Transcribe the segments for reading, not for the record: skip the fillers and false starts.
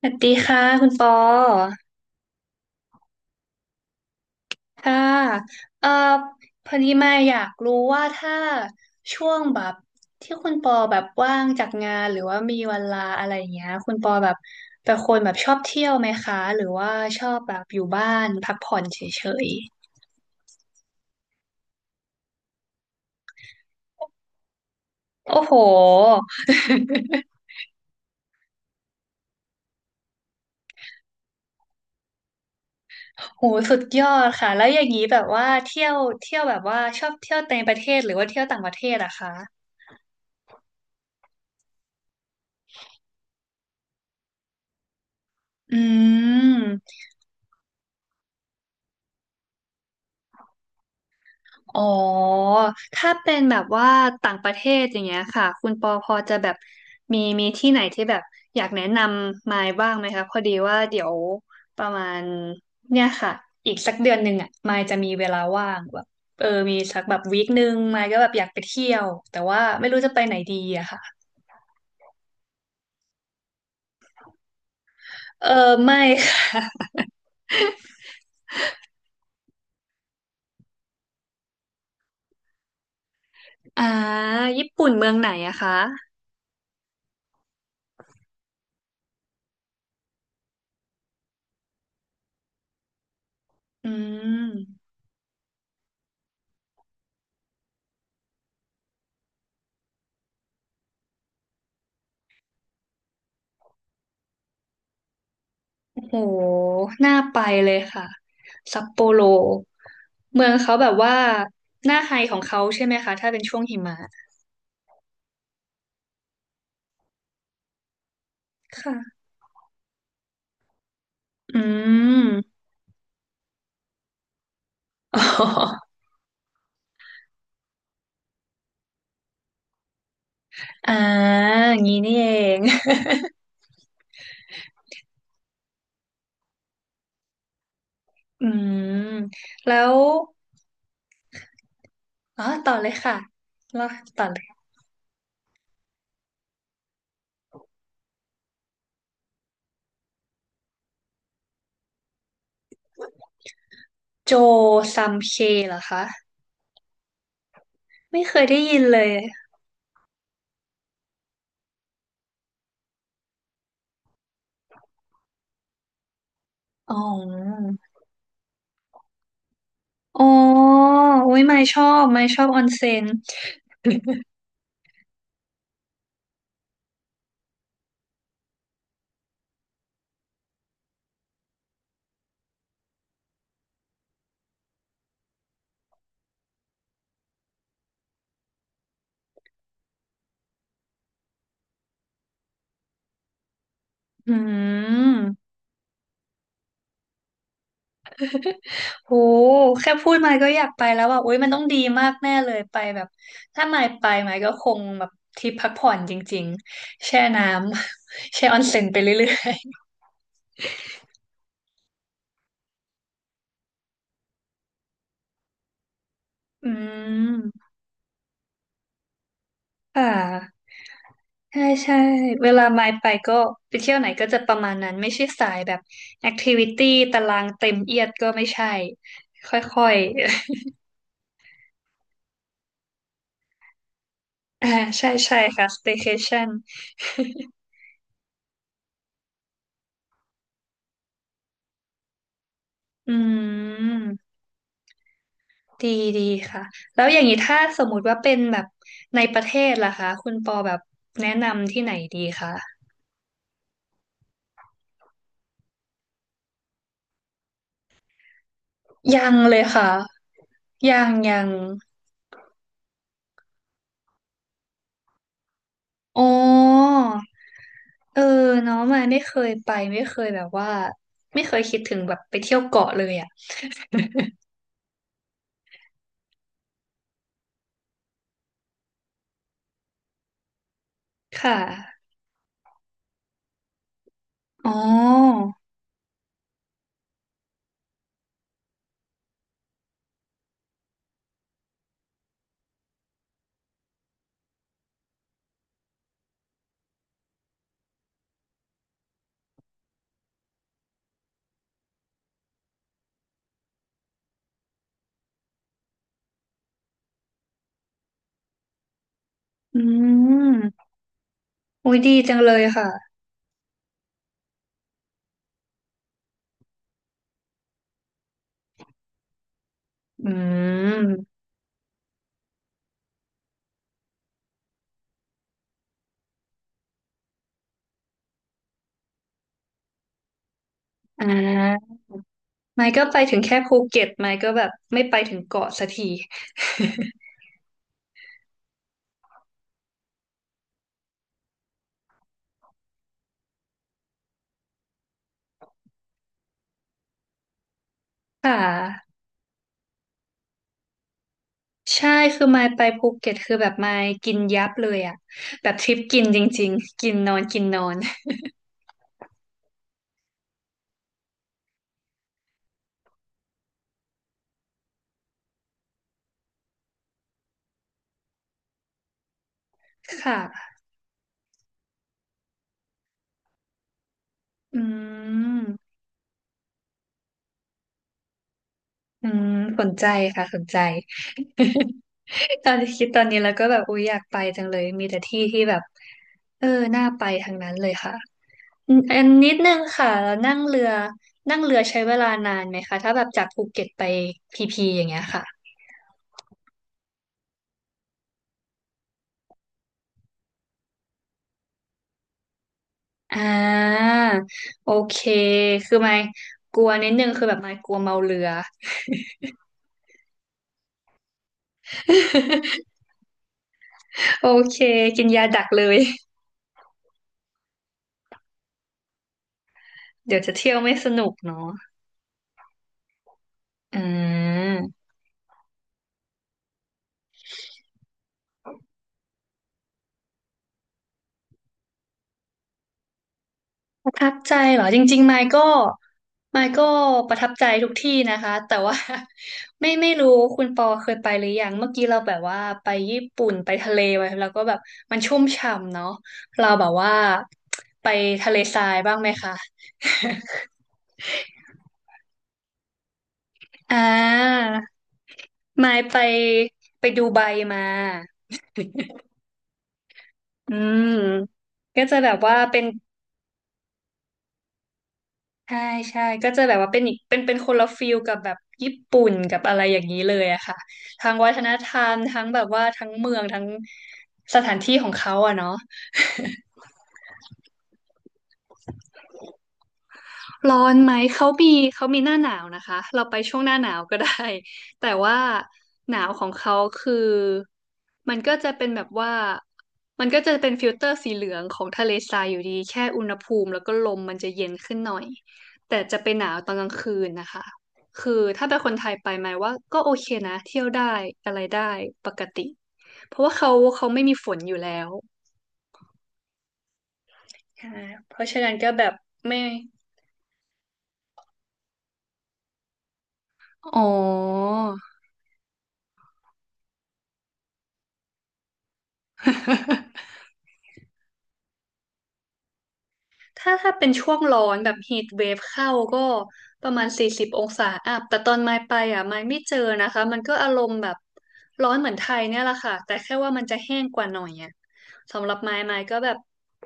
สวัสดีค่ะคุณปอค่ะเอ่อพอดีมาอยากรู้ว่าถ้าช่วงแบบที่คุณปอแบบว่างจากงานหรือว่ามีเวลาอะไรอย่างเงี้ยคุณปอแบบเป็นคนแบบชอบเที่ยวไหมคะหรือว่าชอบแบบอยู่บ้านพักผ่อนเฉยๆโอ้โห โหสุดยอดค่ะแล้วอย่างนี้แบบว่าเที่ยวแบบว่าชอบเที่ยวในประเทศหรือว่าเที่ยวต่างประเทศอะคะอืม อ๋อ ถ้าเป็นแบบว่าต่างประเทศอย่างเงี้ยค่ะ คุณปอพอจะแบบมีที่ไหนที่แบบอยากแนะนำมายบ้างไหมคะพอดีว่าเดี๋ยวประมาณเนี่ยค่ะอีกสักเดือนหนึ่งอ่ะมายจะมีเวลาว่างแบบเออมีสักแบบวีคหนึ่งมายก็แบบอยากไปเที่ยวแต่ว่าไม่รู้จะไปไหนดีอะค่ะเออไม่ค่ะ อ่าญี่ปุ่นเมืองไหนอะคะอืม โหน่าไปเลยค่ะซัปโปโรเมืองเขาแบบว่าหน้าไฮของเขาใช่ไหมคะถ้าเป็นช่วงหิมะค่ะอืม อ๋ออ่าอย่างนี้นี่เอง อืมแล้วอ๋อต่อเลยค่ะแล้วต่อเลยโจซัมเคเหรอคะไม่เคยได้ยินเลยอ๋ออ๋ออุ้ยไม่ชอบไม่ชอบออนเซ็นอืม โหแค่พูดมาก็อยากไปแล้วว่าโอ๊ยมันต้องดีมากแน่เลยไปแบบถ้าไม่ไปไหมายก็คงแบบทริปพักผ่อนจริงๆแช่น้ำ แช่ออนเซ็นไปเรื่อยๆ อืมค่ะใช่ใช่เวลาไม่ไปก็ไปเที่ยวไหนก็จะประมาณนั้นไม่ใช่สายแบบแอคทิวิตี้ตารางเต็มเอียดก็ไม่ใช่ค่อยๆ อ่าใช่ใช่ค่ะ staycation อืม ดีดีค่ะแล้วอย่างนี้ถ้าสมมุติว่าเป็นแบบในประเทศล่ะคะคุณปอแบบแนะนำที่ไหนดีคะยังเลยค่ะยังยังอ๋อเออเนาะมาไม่เคยไปไม่เคยแบบว่าไม่เคยคิดถึงแบบไปเที่ยวเกาะเลยอ่ะค่ะอ๋ออืมอุ้ยดีจังเลยค่ะอืมอ่าไม่ก็ไปถึงแค่ภูเก็ตไม่ก็แบบไม่ไปถึงเกาะสักที ค่ะ ใช่คือมายไปภูเก็ตคือแบบมายกินยับเลยอะแบบทริปกินจริงๆกินนอนกินนอนค่ะอืมอืมสนใจค่ะสนใจ ตอนที่คิดตอนนี้แล้วก็แบบอุ๊ยอยากไปจังเลยมีแต่ที่ที่แบบเออน่าไปทางนั้นเลยค่ะอืมอันนิดนึงค่ะแล้วนั่งเรือนั่งเรือใช้เวลานานไหมคะถ้าแบบจากภูเก็ตไปพีพีอย่างเงี้ยค่ะ อ่าโอเคคือไม่กลัวนิดนึงคือแบบไม่กลัวเมาเรือ โอเคกินยาดักเลยเดี๋ยวจะเที่ยวไม่สนุกเนาะอ่าประทับใจเหรอจริงๆไมค์ก็ประทับใจทุกที่นะคะแต่ว่า ไม่รู้คุณปอเคยไปหรือยังเมื่อกี้เราแบบว่าไปญี่ปุ่นไปทะเลไปแล้วก็แบบมันชุ่มฉ่ำเนาะเราแบบว่าไปทะเลทรายบ้างไหมคะอ่า มายไปไปดูไบมาอืมก็จะแบบว่าเป็นใช่ใช่ก็จะแบบว่าเป็นอีกเป็นคนละฟิลกับแบบญี่ปุ่นกับอะไรอย่างนี้เลยอะค่ะทางวัฒนธรรมทั้งแบบว่าทั้งเมืองทั้งสถานที่ของเขาอะเนาะ ร้อนไหมเขามีหน้าหนาวนะคะเราไปช่วงหน้าหนาวก็ได้ แต่ว่าหนาวของเขาคือมันก็จะเป็นแบบว่ามันก็จะเป็นฟิลเตอร์สีเหลืองของทะเลทรายอยู่ดีแค่อุณหภูมิแล้วก็ลมมันจะเย็นขึ้นหน่อยแต่จะไปหนาวตอนกลางคืนนะคะคือถ้าเป็นคนไทยไปไหมายว่าก็โอเคนะเที่ยวได้อะไรได้ปกติเพราะว่าเขาไม่มีฝนอยู่แล้วใช่เพราะฉะนั้นก็แบบไม่อ๋อ ถ้าเป็นช่วงร้อนแบบ heat wave เวฟเข้าก็ประมาณ40องศาอัพแต่ตอนมายไปอ่ะมายไม่เจอนะคะมันก็อารมณ์แบบร้อนเหมือนไทยเนี่ยแหละค่ะแต่แค่ว่ามันจะแห้งกว่าหน่อยอ่ะสำหรับมายก็แบบ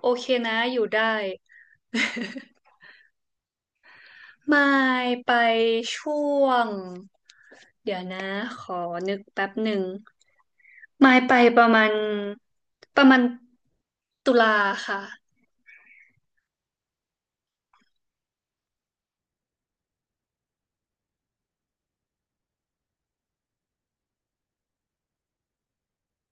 โอเคนะอยู่ได้ มายไปช่วงเดี๋ยวนะขอนึกแป๊บหนึ่งมายไปประมาณประมาณตุลาค่ะ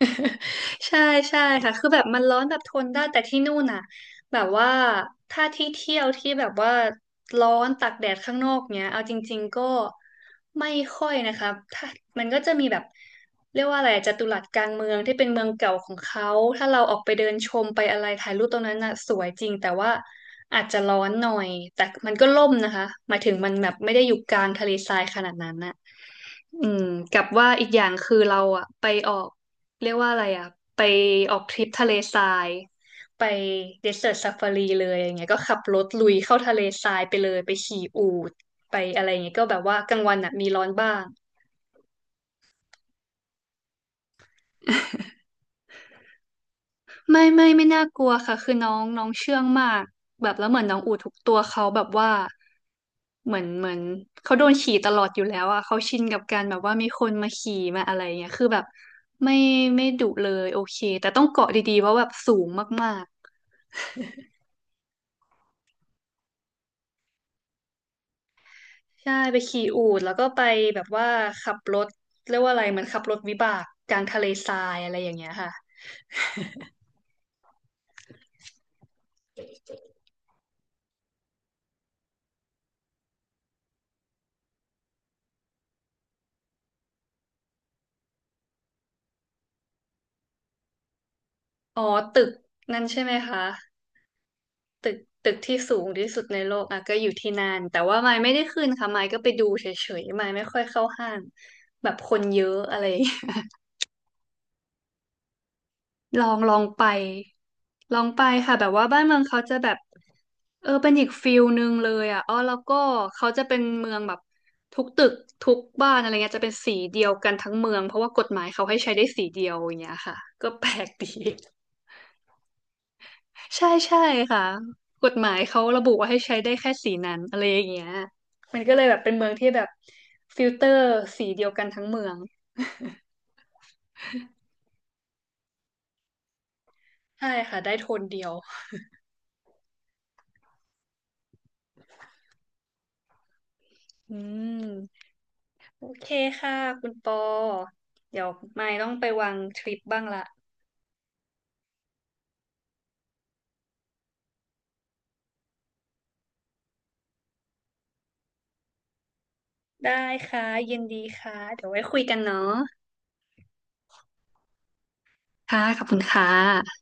ใช่ใช่ค่ะคือแบบมันร้อนแบบทนได้แต่ที่นู่นน่ะแบบว่าถ้าที่เที่ยวที่แบบว่าร้อนตากแดดข้างนอกเนี้ยเอาจริงๆก็ไม่ค่อยนะคะถ้ามันก็จะมีแบบเรียกว่าอะไรอะจัตุรัสกลางเมืองที่เป็นเมืองเก่าของเขาถ้าเราออกไปเดินชมไปอะไรถ่ายรูปตรงนั้นน่ะสวยจริงแต่ว่าอาจจะร้อนหน่อยแต่มันก็ร่มนะคะหมายถึงมันแบบไม่ได้อยู่กลางทะเลทรายขนาดนั้นน่ะอืมกับว่าอีกอย่างคือเราอะไปออก เรียกว่าอะไรอ่ะไปออกทริปทะเลทรายไปเดสเ e ิร์ a ซ a ฟารีเลยอย่างเงี้ยก็ขับรถลุยเข้าทะเลทรายไปเลยไปขี่อูฐไปอะไรอย่างเงี้ยก็แบบว่ากลางวันอ่ะมีร้อนบ้างไม่น่ากลัวค่ะคือน้องน้องเชื่องมากแบบแล้วเหมือนน้องอูทุกตัวเขาแบบว่าเหมือนเขาโดนขี่ตลอดอยู่แล้วอ่ะเขาชินกับการแบบว่ามีคนมาขี่มาอะไรเงี้ยคือแบบไม่ไม่ดุเลยโอเคแต่ต้องเกาะดีๆเพราะแบบสูงมากๆ ใช่ไปขี่อูฐแล้วก็ไปแบบว่าขับรถเรียกว่าอะไรเหมือนขับรถวิบากกลางทะเลทรายอะไรอย่างเงี้ยค่ะอ๋อตึกนั่นใช่ไหมคะตึกตึกที่สูงที่สุดในโลกอ่ะก็อยู่ที่นั่นแต่ว่าไมค์ไม่ได้ขึ้นค่ะไมค์ก็ไปดูเฉยๆไมค์ไม่ค่อยเข้าห้างแบบคนเยอะอะไรอย่างเงี้ย ลองลองไปลองไปค่ะแบบว่าบ้านเมืองเขาจะแบบ เออเป็นอีกฟิลหนึ่งเลยอ่ะอ๋อแล้วก็เขาจะเป็นเมืองแบบทุกตึกทุกบ้านอะไรเงี้ยจะเป็นสีเดียวกันทั้งเมืองเพราะว่ากฎหมายเขาให้ใช้ได้สีเดียวอย่างเงี้ยค่ะก็แปลกดีใช่ค่ะกฎหมายเขาระบุว่าให้ใช้ได้แค่สีนั้นอะไรอย่างเงี้ยมันก็เลยแบบเป็นเมืองที่แบบฟิลเตอร์สีเดียวกันทั้งเมืองใช่ค่ะได้โทนเดียวอืมโอเคค่ะคุณปอเดี๋ยวไม่ต้องไปวางทริปบ้างละ ได้ค่ะยินดีค่ะเดี๋ยวไว้คุยกันเนาะค่ะขอบคุณค่ะ